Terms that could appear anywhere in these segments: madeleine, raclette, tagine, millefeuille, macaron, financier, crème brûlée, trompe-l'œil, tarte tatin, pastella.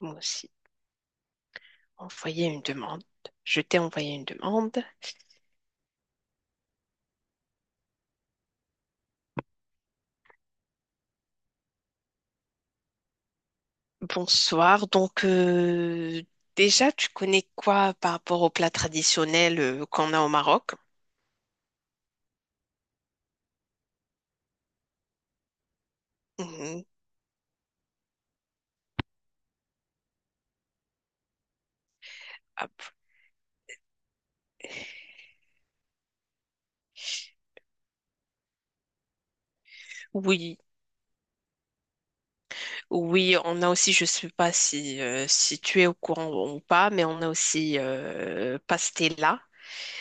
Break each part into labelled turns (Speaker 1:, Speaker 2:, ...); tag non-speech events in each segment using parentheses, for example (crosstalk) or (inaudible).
Speaker 1: Moi aussi. Envoyer une demande. Je t'ai envoyé une demande. Bonsoir. Donc, déjà, tu connais quoi par rapport aux plats traditionnels qu'on a au Maroc? Mhm. Ah, oui, oui, on a aussi, je sais pas si, si tu es au courant ou pas, mais on a aussi pastella.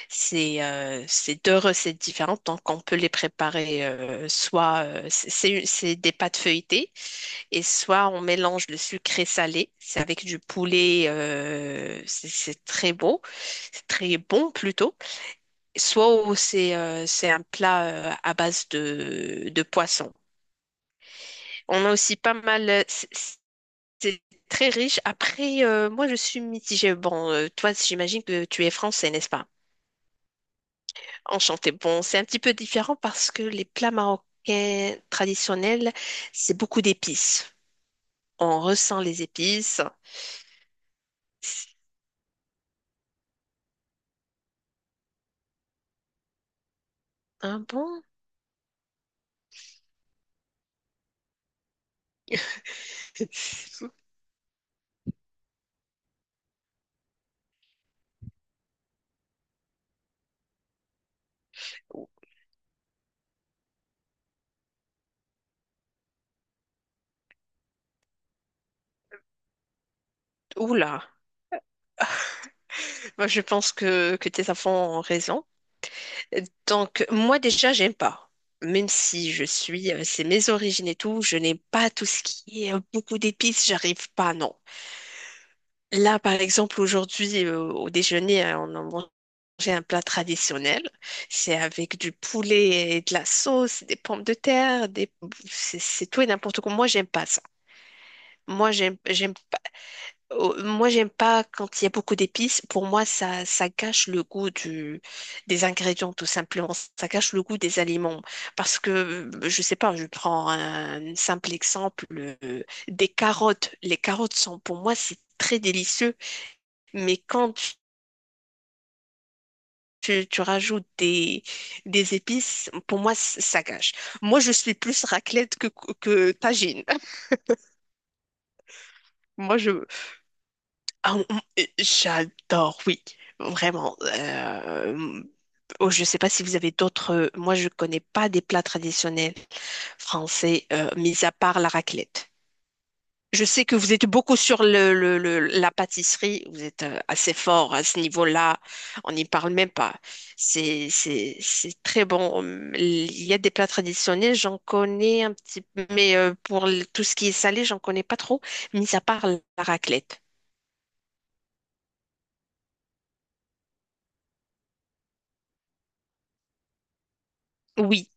Speaker 1: C'est deux recettes différentes, donc on peut les préparer soit c'est des pâtes feuilletées et soit on mélange le sucré salé. C'est avec du poulet, c'est très beau, c'est très bon plutôt. Soit au- c'est un plat à base de poisson. On a aussi pas mal, c'est très riche. Après, moi je suis mitigée. Bon, toi j'imagine que tu es français, n'est-ce pas? Enchanté. Bon, c'est un petit peu différent parce que les plats marocains traditionnels, c'est beaucoup d'épices. On ressent les épices. Ah bon? (laughs) Oula. Moi, je pense que tes enfants ont raison. Donc, moi, déjà, j'aime pas. Même si je suis, c'est mes origines et tout, je n'aime pas tout ce qui est beaucoup d'épices, j'arrive pas, non. Là, par exemple, aujourd'hui, au déjeuner, hein, on a mangé. J'ai un plat traditionnel, c'est avec du poulet et de la sauce, des pommes de terre, des... c'est tout et n'importe quoi. Moi, j'aime pas ça. Moi, j'aime, j'aime pas... Moi, j'aime pas quand il y a beaucoup d'épices. Pour moi, ça gâche le goût du... des ingrédients, tout simplement. Ça gâche le goût des aliments. Parce que, je sais pas, je prends un simple exemple, des carottes. Les carottes sont, pour moi, c'est très délicieux. Mais quand tu rajoutes des épices, pour moi, ça gâche. Moi, je suis plus raclette que tagine. (laughs) Moi, je... Ah, on- j'adore, oui, vraiment. Oh, je ne sais pas si vous avez d'autres... moi, je ne connais pas des plats traditionnels français, mis à part la raclette. Je sais que vous êtes beaucoup sur la pâtisserie, vous êtes assez fort à ce niveau-là, on n'y parle même pas. C'est très bon. Il y a des plats traditionnels, j'en connais un petit peu, mais pour le- tout ce qui est salé, j'en connais pas trop, mis à part la raclette. Oui,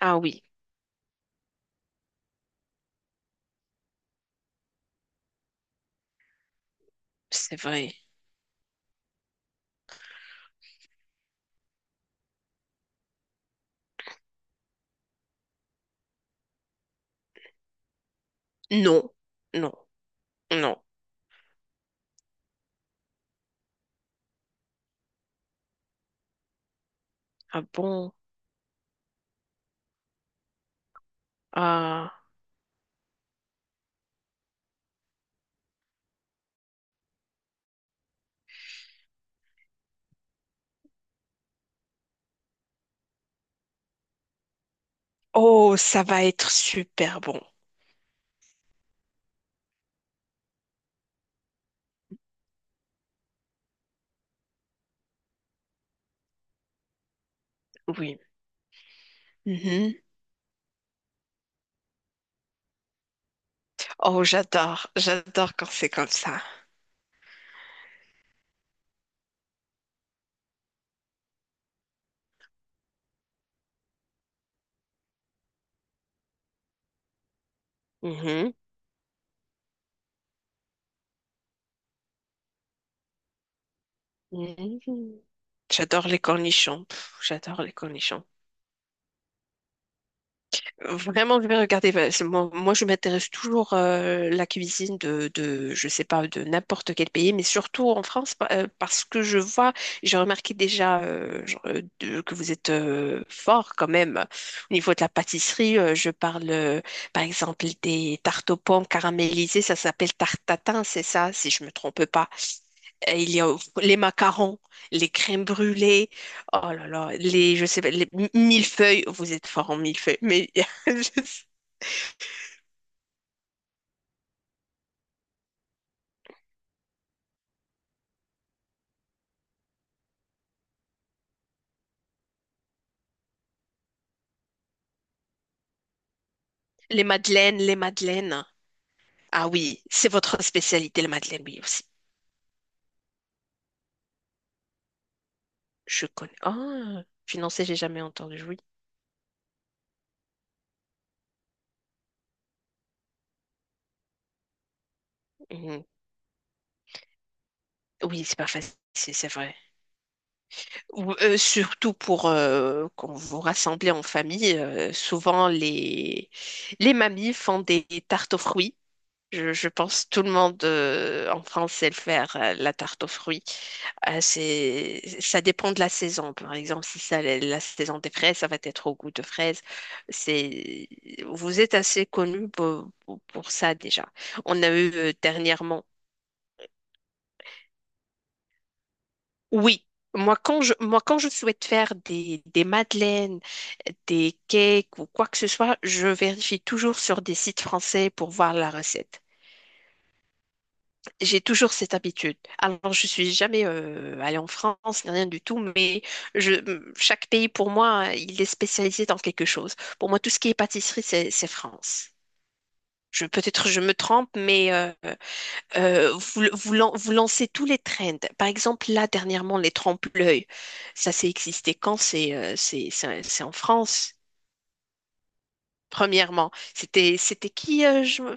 Speaker 1: ah oui, c'est vrai. Non, non, non. Ah bon? Ah. Oh, ça va être super bon. Oui. Mhm. Oh, j'adore, j'adore quand c'est comme ça. Mhm. Mhm. J'adore les cornichons. Pff, j'adore les cornichons. Vraiment, je vais regarder. Parce que moi, je m'intéresse toujours la cuisine de, je sais pas, de n'importe quel pays, mais surtout en France, parce que je vois, j'ai remarqué déjà que vous êtes fort quand même au niveau de la pâtisserie. Je parle, par exemple, des tartes aux pommes caramélisées. Ça s'appelle tarte tatin, c'est ça, si je me trompe pas. Il y a les macarons, les crèmes brûlées, oh là là, les, je sais pas, millefeuilles, vous êtes fort en millefeuilles, mais (laughs) je sais- les madeleines, les madeleines. Ah oui, c'est votre spécialité, les madeleines, oui aussi. Je connais. Ah, financé, j'ai jamais entendu, oui. Mhm. Oui, c'est pas facile, c'est vrai. Ou, surtout pour quand vous vous rassemblez en famille, souvent les mamies font des tartes aux fruits. Je pense que tout le monde en France sait le faire, la tarte aux fruits. C'est, ça dépend de la saison. Par exemple, si c'est la saison des fraises, ça va être au goût de fraises. C'est, vous êtes assez connu pour, pour ça déjà. On a eu dernièrement. Oui, moi quand je souhaite faire des madeleines, des cakes ou quoi que ce soit, je vérifie toujours sur des sites français pour voir la recette. J'ai toujours cette habitude. Alors, je suis jamais allée en France, ni rien du tout, mais je, chaque pays, pour moi, il est spécialisé dans quelque chose. Pour moi, tout ce qui est pâtisserie, c'est France. Je, peut-être je me trompe, mais vous, vous lancez tous les trends. Par exemple, là, dernièrement, les trompe-l'œil. Ça, c'est existé quand? C'est en France. Premièrement, c'était qui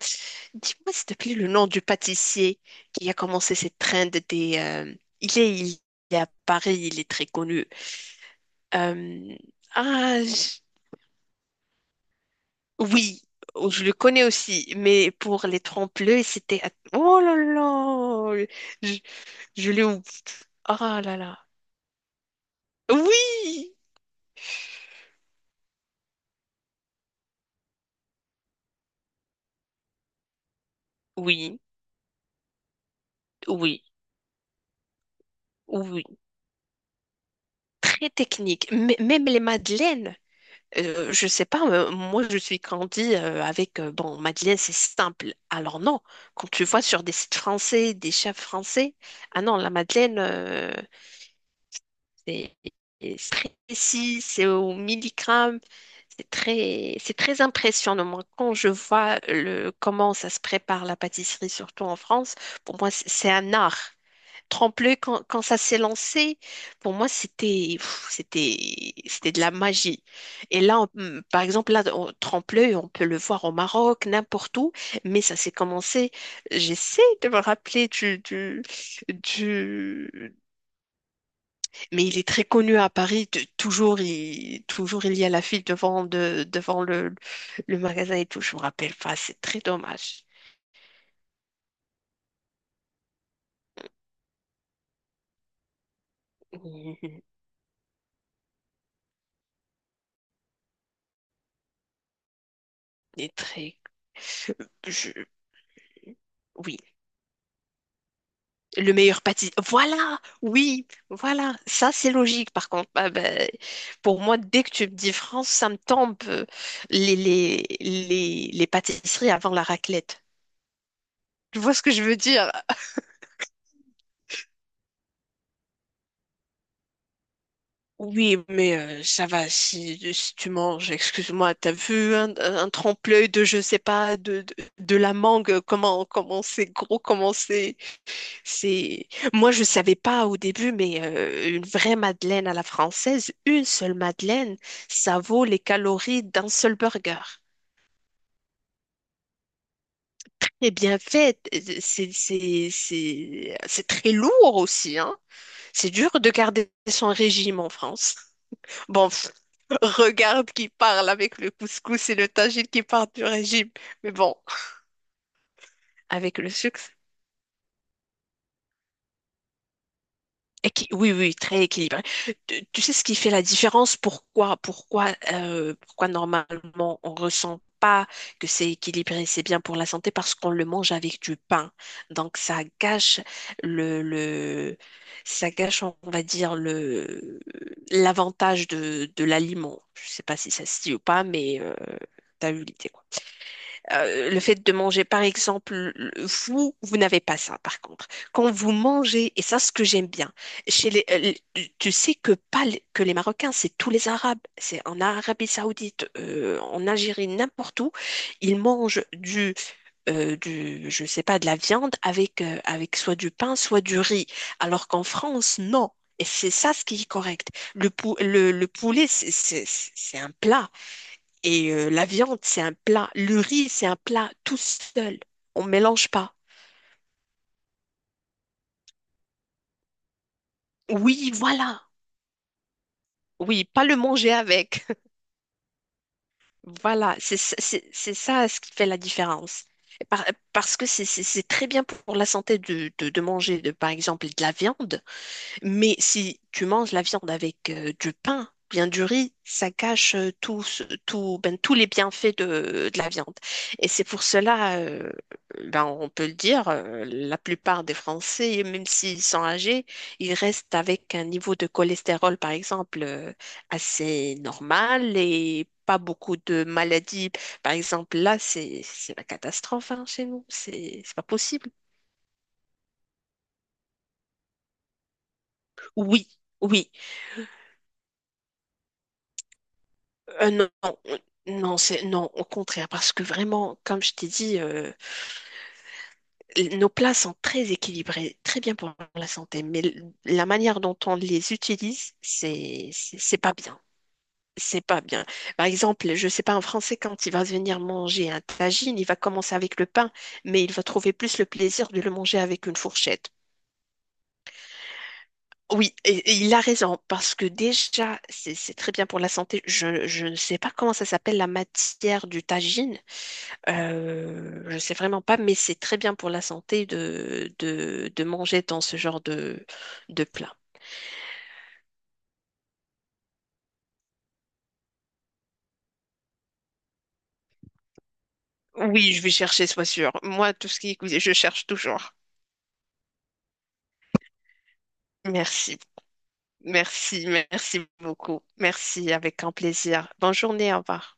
Speaker 1: dis-moi s'il te plaît le nom du pâtissier qui a commencé cette trend des il est à Paris, il est très connu. Euh, ah je- oui, oh, je le connais aussi, mais pour les trompe-l'œil, c'était à- oh là là, je, je l'ai oublié. Ah là là. Oui, oui, oui, oui, très technique. M- même les madeleines. Je sais pas, moi je suis grandie avec, bon, Madeleine c'est simple. Alors non, quand tu vois sur des sites français, des chefs français, ah non, la Madeleine euh, c'est c'est très précis, c'est au milligramme, c'est très impressionnant. Moi, quand je vois le, comment ça se prépare la pâtisserie, surtout en France, pour moi c'est un art tremblé quand, quand ça s'est lancé. Pour moi, c'était pff, c'était de la magie. Et là, on- hmm, par exemple, là, on, tremblé, on peut le voir au Maroc, n'importe où. Mais ça s'est commencé. J'essaie de me rappeler du. Mais il est très connu à Paris. Toujours, il toujours il y a la file devant devant le magasin et tout. Je me rappelle pas. C'est très dommage. (laughs) Mhm. Il est très. Je... oui. Le meilleur pâtissier. Voilà, oui, voilà. Ça, c'est logique, par contre. Ah ben, pour moi, dès que tu me dis France, ça me tombe les pâtisseries avant la raclette. Tu vois ce que je veux dire? Oui, mais ça va, si, si tu manges, excuse-moi, t'as vu un trempe-l'œil de, je sais pas, de la mangue, comment c'est gros, comment c'est... C'est moi je ne savais pas au début mais une vraie madeleine à la française, une seule madeleine, ça vaut les calories d'un seul burger. Et bien fait, euh, c'est très lourd aussi hein. C'est dur de garder son régime en France. Bon, pff, regarde qui parle avec le couscous et le tagine qui parle du régime. Mais bon, avec le sucre. Équi- oui, oui, très équilibré. Tu sais ce qui fait la différence? Pourquoi normalement on ressent pas que c'est équilibré, c'est bien pour la santé parce qu'on le mange avec du pain. Donc ça gâche le, on va dire le l'avantage de l'aliment. Je sais pas si ça se dit ou pas, mais tu as eu l'idée, quoi. Le fait de manger, par exemple, le- vous, vous n'avez pas ça, par contre. Quand vous mangez, et ça, ce que j'aime bien, chez les, tu sais que pas les- que les Marocains, c'est tous les Arabes, c'est en Arabie Saoudite, en Algérie, n'importe où, ils mangent du, je sais pas, de la viande avec, avec soit du pain, soit du riz, alors qu'en France, non. Et c'est ça ce qui est correct. Le poulet, c'est un plat. Et la viande, c'est un plat. Le riz, c'est un plat tout seul. On ne mélange pas. Oui, voilà. Oui, pas le manger avec. (laughs) Voilà, c'est ça ce qui fait la différence. Et par- Parce que c'est très bien pour la santé de manger, de, par exemple, de la viande. Mais si tu manges la viande avec du pain, bien du riz, ça gâche tout, tout, ben, tous les bienfaits de la viande. Et c'est pour cela, ben, on peut le dire, la plupart des Français, même s'ils sont âgés, ils restent avec un niveau de cholestérol, par exemple, assez normal et pas beaucoup de maladies. Par exemple, là, c'est la catastrophe hein, chez nous. C'est pas possible. Oui, oui. Euh, non, non, non, c'est non, au contraire, parce que vraiment, comme je t'ai dit, nos plats sont très équilibrés, très bien pour la santé, mais la manière dont on les utilise, c'est pas bien. C'est pas bien. Par exemple, je sais pas, un Français, quand il va venir manger un tagine, il va commencer avec le pain, mais il va trouver plus le plaisir de le manger avec une fourchette. Oui, et il a raison, parce que déjà, c'est très bien pour la santé. Je ne sais pas comment ça s'appelle la matière du tagine, je ne sais vraiment pas, mais c'est très bien pour la santé de manger dans ce genre de plat. Oui, je vais chercher, sois sûr. Moi, tout ce qui est cuisine, je cherche toujours. Merci, merci, merci beaucoup. Merci, avec un plaisir. Bonne journée, au revoir.